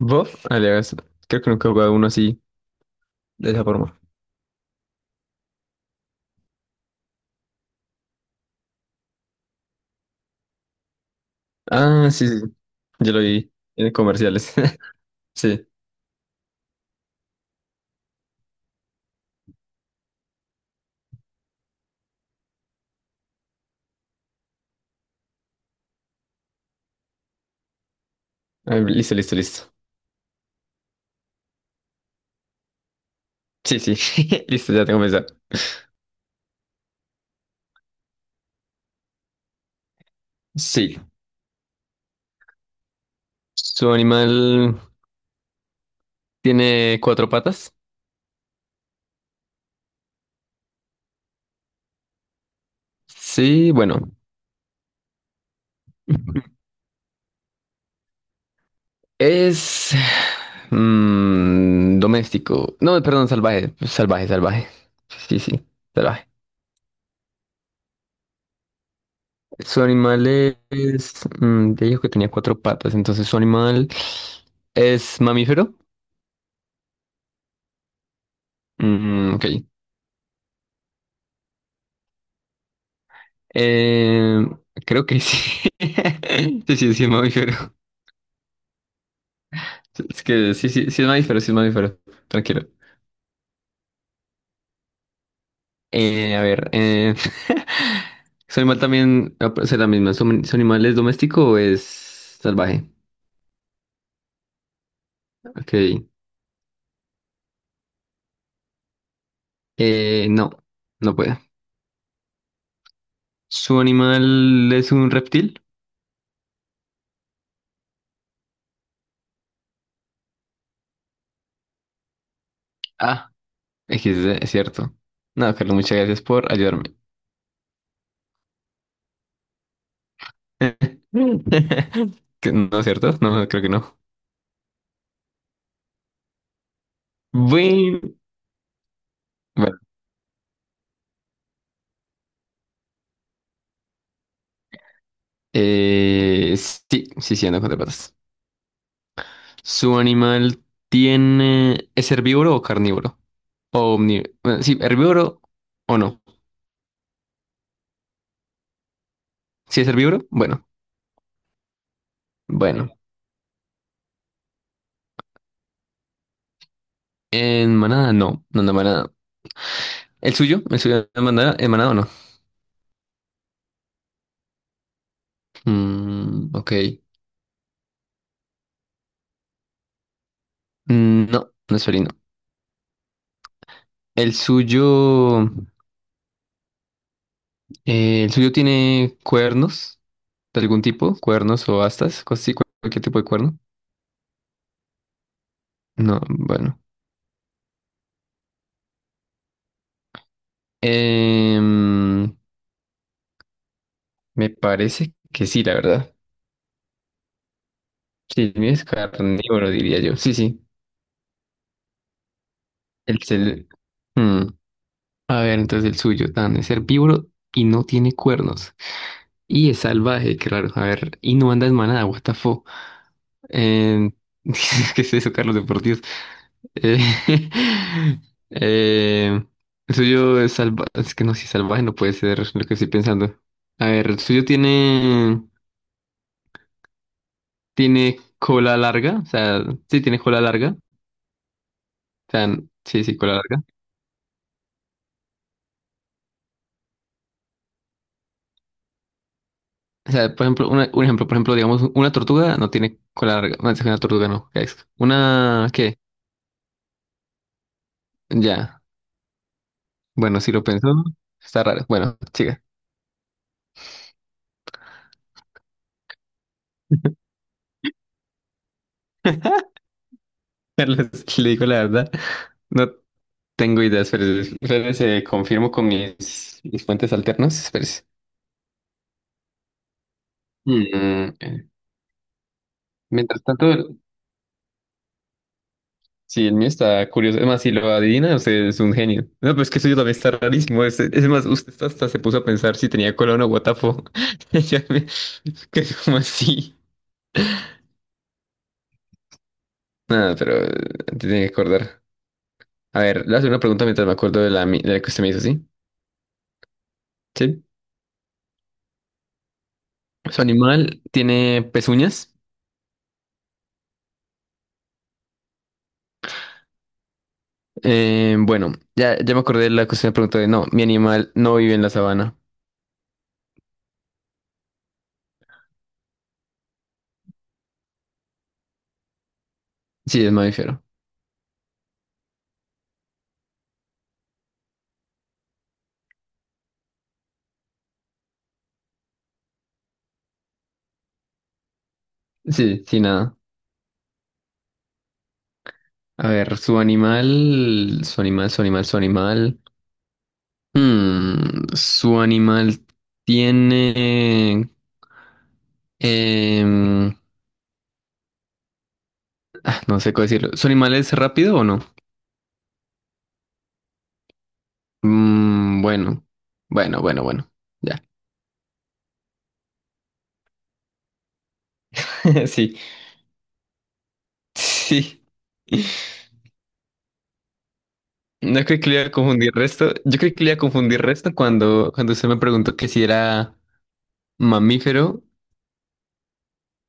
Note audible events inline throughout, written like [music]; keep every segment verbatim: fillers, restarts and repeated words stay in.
¿Vos? Alias, creo que nunca he jugado uno así, de esa forma. Ah, sí, sí. Yo lo vi en comerciales. [laughs] Sí. Ah, listo, listo, listo. Sí, sí. [laughs] Listo, ya tengo pensado. Sí. ¿Su animal tiene cuatro patas? Sí, bueno. [laughs] Es mm, doméstico. No, perdón, salvaje. Salvaje, salvaje. Sí, sí, salvaje. Su animal es. Mm, te dijo que tenía cuatro patas, entonces su animal es mamífero. Mm, ok. Eh, Creo que sí. [laughs] Sí, sí, sí, es mamífero. Es que sí, sí, sí es mamífero, sí es mamífero. Tranquilo. Eh, a ver, eh, [laughs] ¿Su animal también, ah, o sea, la misma, ¿su, su animal es doméstico o es salvaje? Ok. Eh, no, no puede. ¿Su animal es un reptil? Ah, equis de, es es cierto. No, Carlos, muchas gracias por ayudarme. [laughs] Que- No, ¿cierto? No, creo que no. Bueno. Eh, sí, sí, sí, anda con cuatro patas. ¿Su animal tiene? ¿Es herbívoro o carnívoro? O omni, bueno, sí, herbívoro o no. Si es herbívoro, bueno, bueno. En manada, no, no anda en manada. ¿El suyo? ¿El suyo anda en manada, en manada o no? Mm, ok. Mm, no, no es felino. ¿El suyo... eh, ¿el suyo tiene cuernos de algún tipo? ¿Cuernos o astas? Cosas así, cualquier tipo de cuerno. No, bueno. Em, Me parece que sí, la verdad. Sí, el mío es carnívoro, diría yo. Sí, sí. El, cel- mm. A ver, entonces el suyo, tan es herbívoro y no tiene cuernos. Y es salvaje, claro. A ver, y no anda en manada, what the fuck. Eh, [laughs] ¿Qué es eso, Carlos, de por Dios? Eh, [laughs] eh, el suyo es salvaje. Es que no, si es salvaje no puede ser lo que estoy pensando. A ver, el suyo tiene... Tiene cola larga. O sea, sí, tiene cola larga. O sea, sí, sí, cola larga. O sea, por ejemplo, una- un ejemplo, por ejemplo, digamos, una tortuga no tiene cola larga. Una, una tortuga no. ¿Qué es? Una, ¿qué? Ya. Bueno, si lo pensó, está raro. Bueno, siga. [laughs] Les- Le digo la verdad. No tengo ideas, pero confirmo con mis, mis fuentes alternas. Espérese. Mm, eh, Mientras tanto, sí, el mío está curioso. Es más, si lo adivina, usted es un genio. No, pero es que eso yo también está rarísimo. Es, es más, usted hasta hasta se puso a pensar si tenía cola o guatafo. [laughs] Ya me- ¿Que como así? Nada, pero eh, te tiene que acordar. A ver, le hace una pregunta mientras me acuerdo de la, mi- de la que usted me hizo, ¿sí? Sí. ¿Su animal tiene pezuñas? Eh, bueno, ya, ya me acordé de la que usted me preguntó de no, mi animal no vive en la sabana. Sí, es mamífero. Sí, sí, nada. A ver, su animal, su animal, su animal, su animal. Hmm, su animal tiene. em, no sé cómo decirlo. ¿Su animal es rápido o no? Mm, bueno, bueno, bueno, bueno. Ya. [laughs] Sí, sí. No creo que le iba a confundir resto. Yo creo que le iba a confundir resto cuando, cuando usted me preguntó que si era mamífero.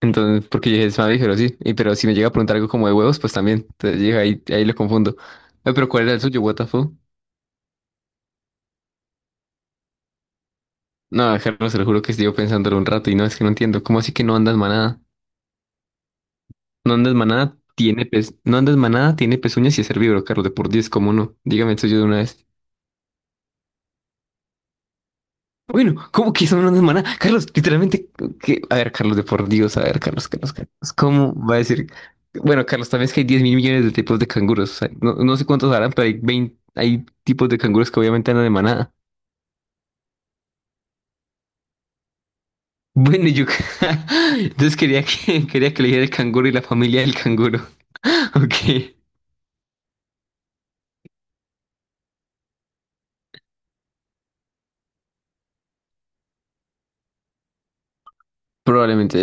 Entonces, porque yo dije, es mamífero, sí. Y, pero si me llega a preguntar algo como de huevos, pues también. Entonces, llega ahí, ahí lo confundo. Ay, pero ¿cuál era el suyo? What the fuck? No, Carlos, te lo juro que estuve pensándolo un rato y no, es que no entiendo. ¿Cómo así que no andas manada? No andas manada, tiene pez, no andas manada, tiene pezuñas y es herbívoro, Carlos, de por Dios, ¿cómo no? Dígame eso yo de una vez. Bueno, ¿cómo que eso no andas manada? Carlos, literalmente, ¿qué? A ver, Carlos, de por Dios, a ver, Carlos, Carlos, Carlos, ¿cómo va a decir? Bueno, Carlos, también es que hay diez mil millones de tipos de canguros, o sea, no, no sé cuántos harán, pero hay veinte, hay tipos de canguros que obviamente andan de manada. Bueno, y yo [laughs] entonces quería que, quería que le dijera el canguro y la familia del canguro, [laughs] ok. Probablemente,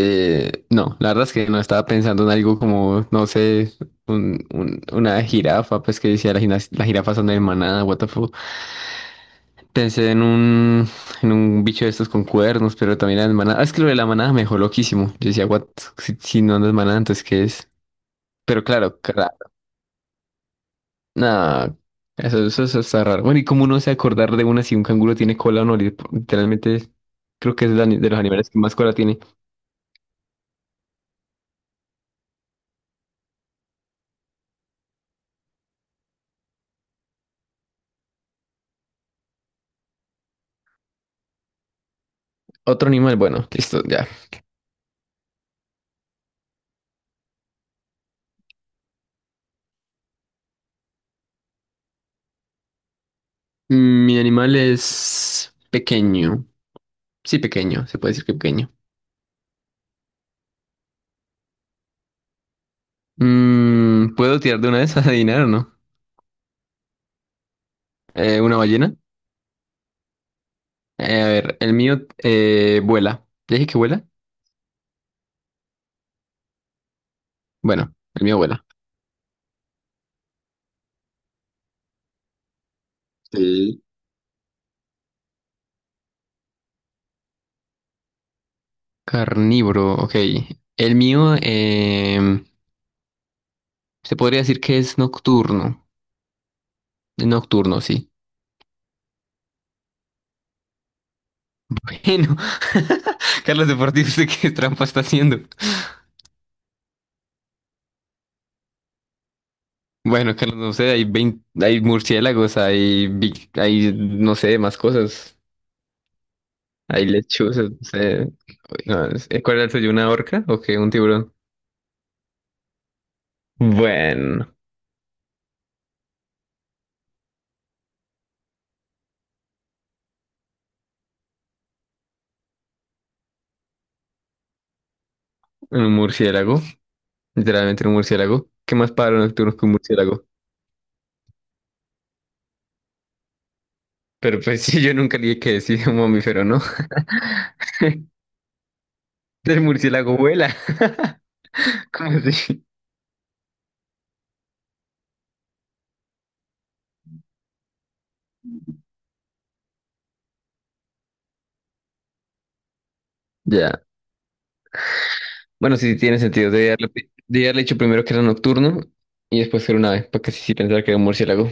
eh, no, la verdad es que no estaba pensando en algo como, no sé, un, un- una jirafa, pues que decía la, jina- la jirafa son de manada, what the fuck. Pensé en un, en un bicho de estos con cuernos, pero también era de manada. Ah, es que lo de la manada me dejó loquísimo. Yo decía, what, si, si no, no es manada, entonces ¿qué es? Pero claro, cara, nada, eso, eso, eso está raro. Bueno, ¿y cómo uno se acordar de una si un canguro tiene cola o no? Literalmente, creo que es de de los animales que más cola tiene. Otro animal, bueno, listo, ya. Mm, Mi animal es pequeño. Sí, pequeño, se puede decir que pequeño. Mm, ¿puedo tirar de una vez a adivinar o no? Eh, ¿una ballena? Eh, a ver, el mío eh, vuela. ¿Ya dije que vuela? Bueno, el mío vuela. Sí. Carnívoro, ok. El mío em, se podría decir que es nocturno. Es nocturno, sí. Bueno, [laughs] Carlos Deportivo, ¿usted qué trampa está haciendo? Bueno, Carlos, no sé, hay veinte, hay murciélagos, hay, vi- hay, no sé, más cosas. Hay lechuzas, no sé. No, es- eh, ¿cuál era el suyo? ¿Una orca o qué? ¿Un tiburón? Bueno, un murciélago, literalmente un murciélago. ¿Qué más pájaro nocturno que un murciélago? Pero pues [laughs] sí, yo nunca le dije que decir un mamífero, ¿no? [laughs] El murciélago vuela. [laughs] ¿Cómo así? Ya. Bueno, sí, sí tiene sentido. Debe haberle, debí haberle dicho primero que era nocturno y después que era un ave, para que sí, sí pensaba que era un murciélago.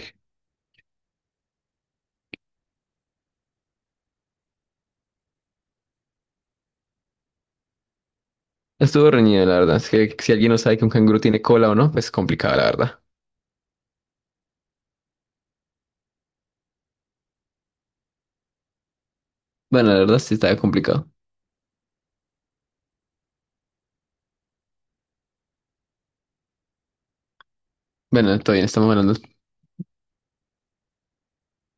Estuvo reñido, la verdad. Es que si alguien no sabe que un canguro tiene cola o no, pues complicado, la verdad. Bueno, la verdad sí estaba complicado. Bueno, todo bien, estamos hablando